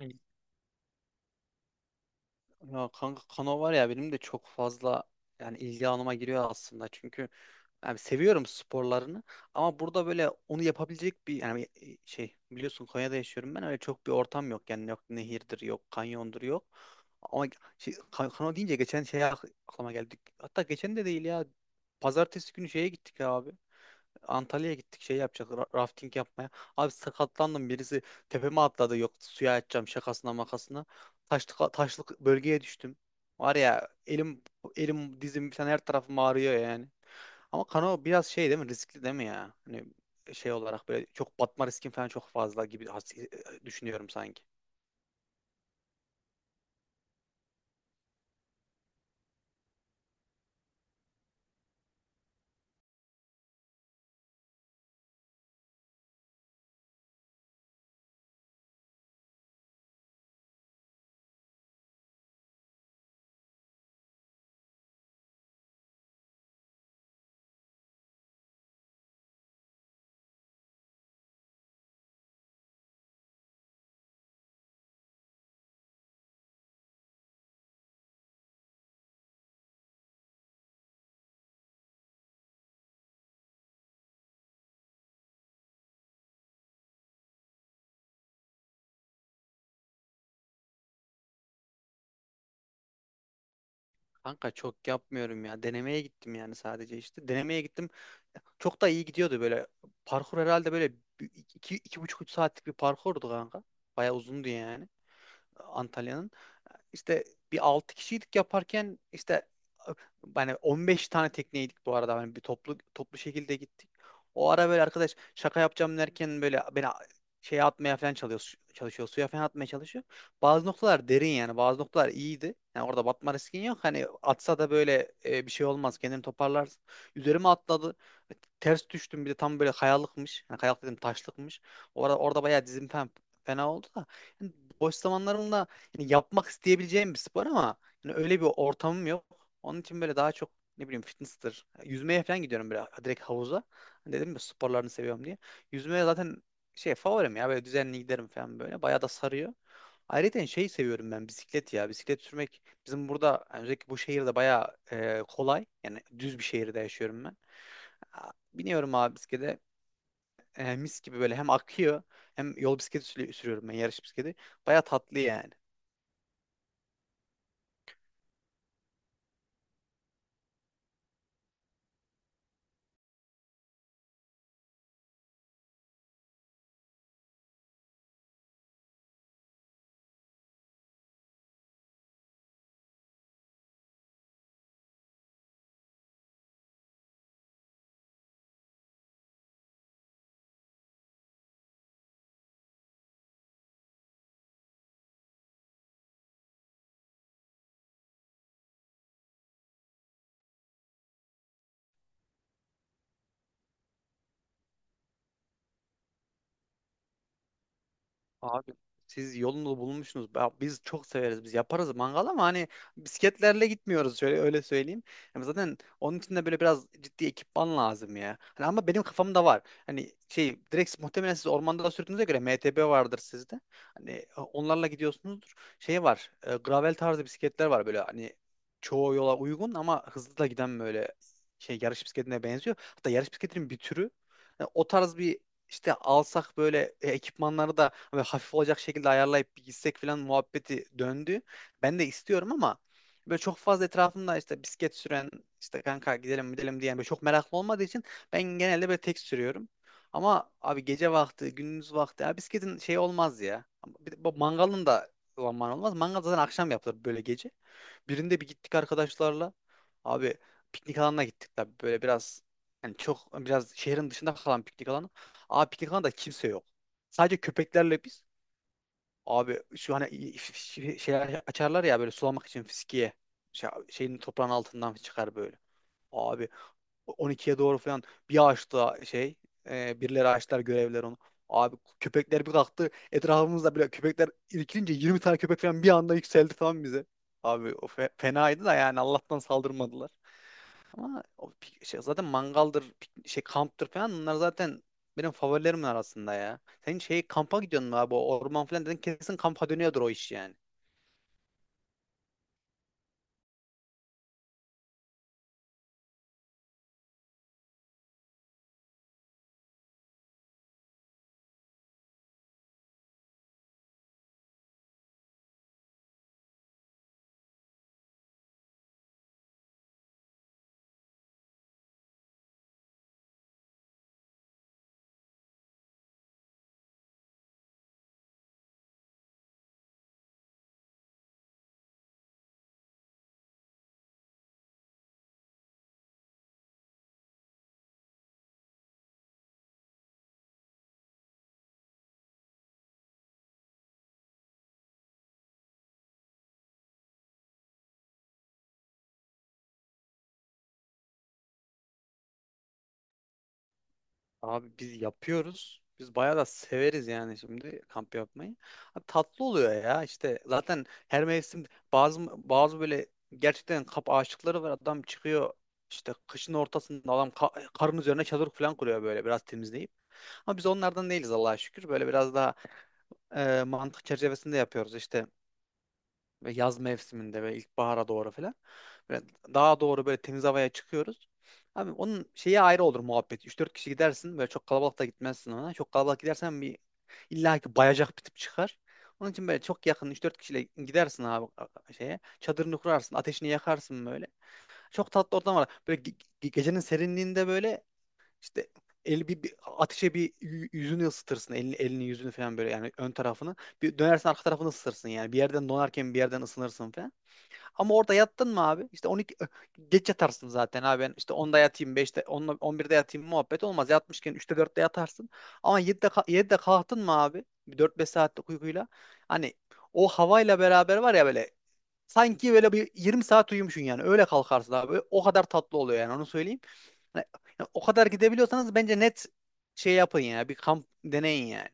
Hı, ya kanka. Kano var ya, benim de çok fazla yani ilgi alanıma giriyor aslında. Çünkü yani seviyorum sporlarını ama burada böyle onu yapabilecek bir yani şey, biliyorsun Konya'da yaşıyorum ben, öyle çok bir ortam yok. Yani yok, nehirdir yok, kanyondur yok. Ama şey, Kano deyince geçen şey aklıma geldi. Hatta geçen de değil ya. Pazartesi günü şeye gittik abi. Antalya'ya gittik şey yapacak, rafting yapmaya. Abi sakatlandım, birisi tepeme atladı, yok suya atacağım şakasına makasına. Taşlık, taşlık bölgeye düştüm. Var ya elim dizim falan her tarafım ağrıyor yani. Ama kano biraz şey değil mi, riskli değil mi ya? Hani şey olarak böyle çok batma riskin falan çok fazla gibi düşünüyorum sanki. Kanka çok yapmıyorum ya. Denemeye gittim yani sadece işte. Denemeye gittim. Çok da iyi gidiyordu böyle. Parkur herhalde böyle iki, iki buçuk, üç saatlik bir parkurdu kanka. Bayağı uzundu yani. Antalya'nın işte bir 6 kişiydik yaparken işte, hani 15 tane tekneydik bu arada. Hani bir toplu toplu şekilde gittik. O ara böyle arkadaş şaka yapacağım derken böyle beni şeye atmaya falan çalışıyor, çalışıyor. Suya falan atmaya çalışıyor. Bazı noktalar derin yani. Bazı noktalar iyiydi. Yani orada batma riskin yok. Hani atsa da böyle bir şey olmaz. Kendini toparlarsın. Üzerime atladı. Ters düştüm, bir de tam böyle kayalıkmış. Yani kayalık dedim, taşlıkmış. Orada, orada bayağı dizim falan fena oldu da. Yani boş zamanlarımda hani yapmak isteyebileceğim bir spor, ama hani öyle bir ortamım yok. Onun için böyle daha çok, ne bileyim, fitness'tır. Yüzmeye falan gidiyorum böyle direkt havuza. Hani dedim ya sporlarını seviyorum diye. Yüzmeye zaten, şey, favorim ya, böyle düzenli giderim falan böyle. Bayağı da sarıyor. Ayrıca hani şeyi seviyorum ben, bisiklet ya. Bisiklet sürmek bizim burada yani özellikle bu şehirde bayağı kolay. Yani düz bir şehirde yaşıyorum ben. Aa, biniyorum abi bisiklete, mis gibi böyle, hem akıyor hem yol bisikleti sürüyorum ben, yarış bisikleti. Baya tatlı yani. Abi, siz yolunu bulmuşsunuz. Biz çok severiz. Biz yaparız mangal ama hani bisikletlerle gitmiyoruz, şöyle öyle söyleyeyim. Yani zaten onun için de böyle biraz ciddi ekipman lazım ya. Hani ama benim kafamda var. Hani şey, direkt muhtemelen siz ormanda da sürdüğünüze göre MTB vardır sizde. Hani onlarla gidiyorsunuzdur. Şey var. Gravel tarzı bisikletler var böyle, hani çoğu yola uygun ama hızlı da giden, böyle şey, yarış bisikletine benziyor. Hatta yarış bisikletinin bir türü. Yani o tarz bir, işte alsak böyle ekipmanları da hani hafif olacak şekilde ayarlayıp bir gitsek falan muhabbeti döndü. Ben de istiyorum ama böyle çok fazla etrafımda işte bisiklet süren, işte kanka gidelim gidelim diyen, böyle çok meraklı olmadığı için ben genelde böyle tek sürüyorum. Ama abi gece vakti, gündüz vakti ya, bisikletin şey olmaz ya. Bir de bu mangalın da zaman olmaz. Mangal zaten akşam yapılır, böyle gece. Birinde bir gittik arkadaşlarla. Abi piknik alanına gittik tabii, böyle biraz, yani çok biraz şehrin dışında kalan piknik alanı. Abi piknik alanında kimse yok. Sadece köpeklerle biz. Abi şu hani şeyler açarlar ya böyle sulamak için, fiskiye. Şeyin toprağın altından çıkar böyle. Abi 12'ye doğru falan bir açtı şey. E, birileri açtılar, görevler onu. Abi köpekler bir kalktı. Etrafımızda bile köpekler irkilince 20 tane köpek falan bir anda yükseldi falan bize. Abi o fenaydı da yani, Allah'tan saldırmadılar. Ama o zaten mangaldır, kamptır falan, bunlar zaten benim favorilerim arasında ya. Sen şey, kampa gidiyorsun mu abi? O orman falan dedin, kesin kampa dönüyordur o iş yani. Abi biz yapıyoruz. Biz bayağı da severiz yani, şimdi kamp yapmayı. Ha, tatlı oluyor ya, işte zaten her mevsim, bazı bazı böyle, gerçekten kamp aşıkları var. Adam çıkıyor işte kışın ortasında, adam karın üzerine çadır falan kuruyor böyle, biraz temizleyip. Ama biz onlardan değiliz Allah'a şükür. Böyle biraz daha mantık çerçevesinde yapıyoruz işte, ve yaz mevsiminde ve ilkbahara doğru falan. Böyle daha doğru, böyle temiz havaya çıkıyoruz. Abi onun şeyi ayrı olur muhabbet. 3-4 kişi gidersin, böyle çok kalabalık da gitmezsin ona. Çok kalabalık gidersen bir illa bayacak bir tip çıkar. Onun için böyle çok yakın 3-4 kişiyle gidersin abi şeye. Çadırını kurarsın, ateşini yakarsın böyle. Çok tatlı ortam var. Böyle gecenin serinliğinde, böyle işte eli, bir, bir ateşe bir yüzünü ısıtırsın. Elini, elini yüzünü falan böyle, yani ön tarafını. Bir dönersin arka tarafını ısıtırsın yani. Bir yerden donarken bir yerden ısınırsın falan. Ama orada yattın mı abi? İşte 12 geç yatarsın zaten abi. Ben işte 10'da yatayım, 5'te, 10'la, 11'de yatayım, muhabbet olmaz. Yatmışken 3'te, 4'te yatarsın. Ama 7'de kalktın mı abi? Bir 4-5 saatlik uykuyla. Hani o havayla beraber var ya böyle, sanki böyle bir 20 saat uyumuşsun yani. Öyle kalkarsın abi. O kadar tatlı oluyor yani, onu söyleyeyim. Hani- Yani o kadar gidebiliyorsanız bence net şey yapın ya. Bir kamp deneyin yani.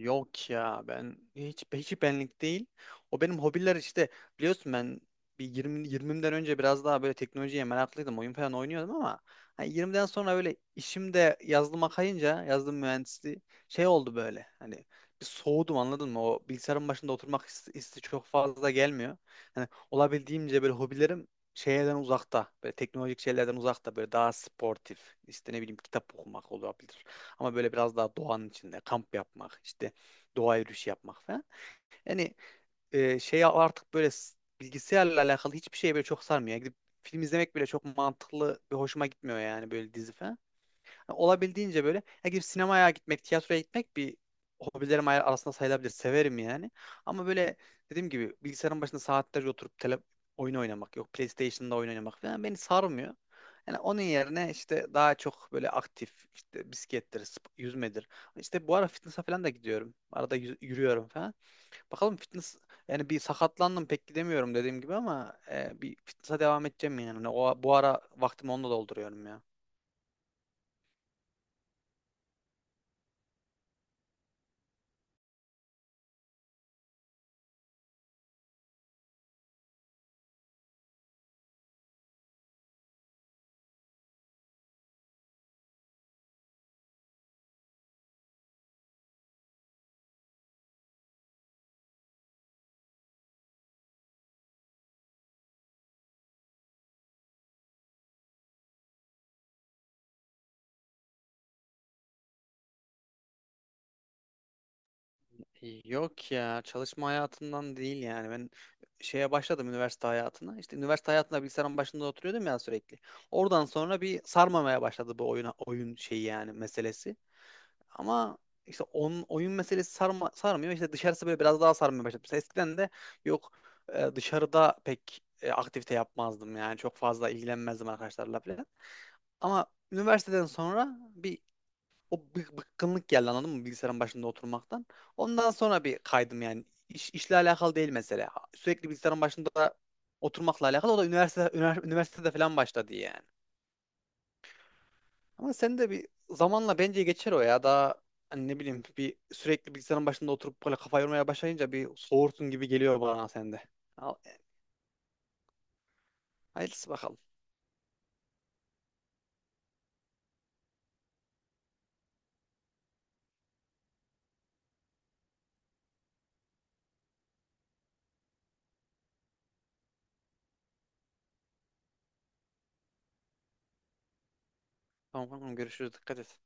Yok ya, ben hiç benlik değil. O benim hobiler işte, biliyorsun ben bir 20'den önce biraz daha böyle teknolojiye meraklıydım. Oyun falan oynuyordum ama hani 20'den sonra böyle, işimde yazılıma kayınca, yazılım mühendisliği, şey oldu böyle. Hani bir soğudum, anladın mı? O bilgisayarın başında oturmak hissi, hissi çok fazla gelmiyor. Hani olabildiğimce böyle hobilerim şeylerden uzakta. Böyle teknolojik şeylerden uzakta, böyle daha sportif. İşte ne bileyim, kitap okumak olabilir. Ama böyle biraz daha doğanın içinde kamp yapmak, işte doğa yürüyüşü yapmak falan. Yani şey, artık böyle bilgisayarla alakalı hiçbir şey böyle çok sarmıyor. Yani gidip film izlemek bile çok mantıklı ve hoşuma gitmiyor yani, böyle dizi falan. Ya, olabildiğince böyle, ya gidip sinemaya gitmek, tiyatroya gitmek bir hobilerim arasında sayılabilir. Severim yani. Ama böyle dediğim gibi, bilgisayarın başında saatlerce oturup tele oyun oynamak, yok PlayStation'da oyun oynamak falan beni sarmıyor. Yani onun yerine işte daha çok böyle aktif, işte bisiklettir, yüzmedir. İşte bu ara fitness'a falan da gidiyorum. Arada yürüyorum falan. Bakalım fitness, yani bir sakatlandım pek gidemiyorum dediğim gibi ama bir fitness'a devam edeceğim yani. Yani o, bu ara vaktimi onunla dolduruyorum ya. Yok ya, çalışma hayatından değil yani, ben şeye başladım, üniversite hayatına. İşte üniversite hayatında bilgisayarın başında oturuyordum ya sürekli, oradan sonra bir sarmamaya başladı bu oyuna, oyun şeyi yani meselesi, ama işte oyun meselesi sarmıyor, işte dışarısı böyle biraz daha sarmaya başladı. Mesela eskiden de yok, dışarıda pek aktivite yapmazdım yani, çok fazla ilgilenmezdim arkadaşlarla falan, ama üniversiteden sonra bir, o bıkkınlık geldi, anladın mı, bilgisayarın başında oturmaktan. Ondan sonra bir kaydım yani. İşle alakalı değil mesele. Sürekli bilgisayarın başında oturmakla alakalı. O da üniversitede falan başladı yani. Ama sen de bir zamanla bence geçer o ya. Daha hani, ne bileyim, bir sürekli bilgisayarın başında oturup böyle kafa yormaya başlayınca bir soğursun gibi geliyor bana sende. Al- Hayırlısı bakalım. Tamam, tamam, görüşürüz. Dikkat et.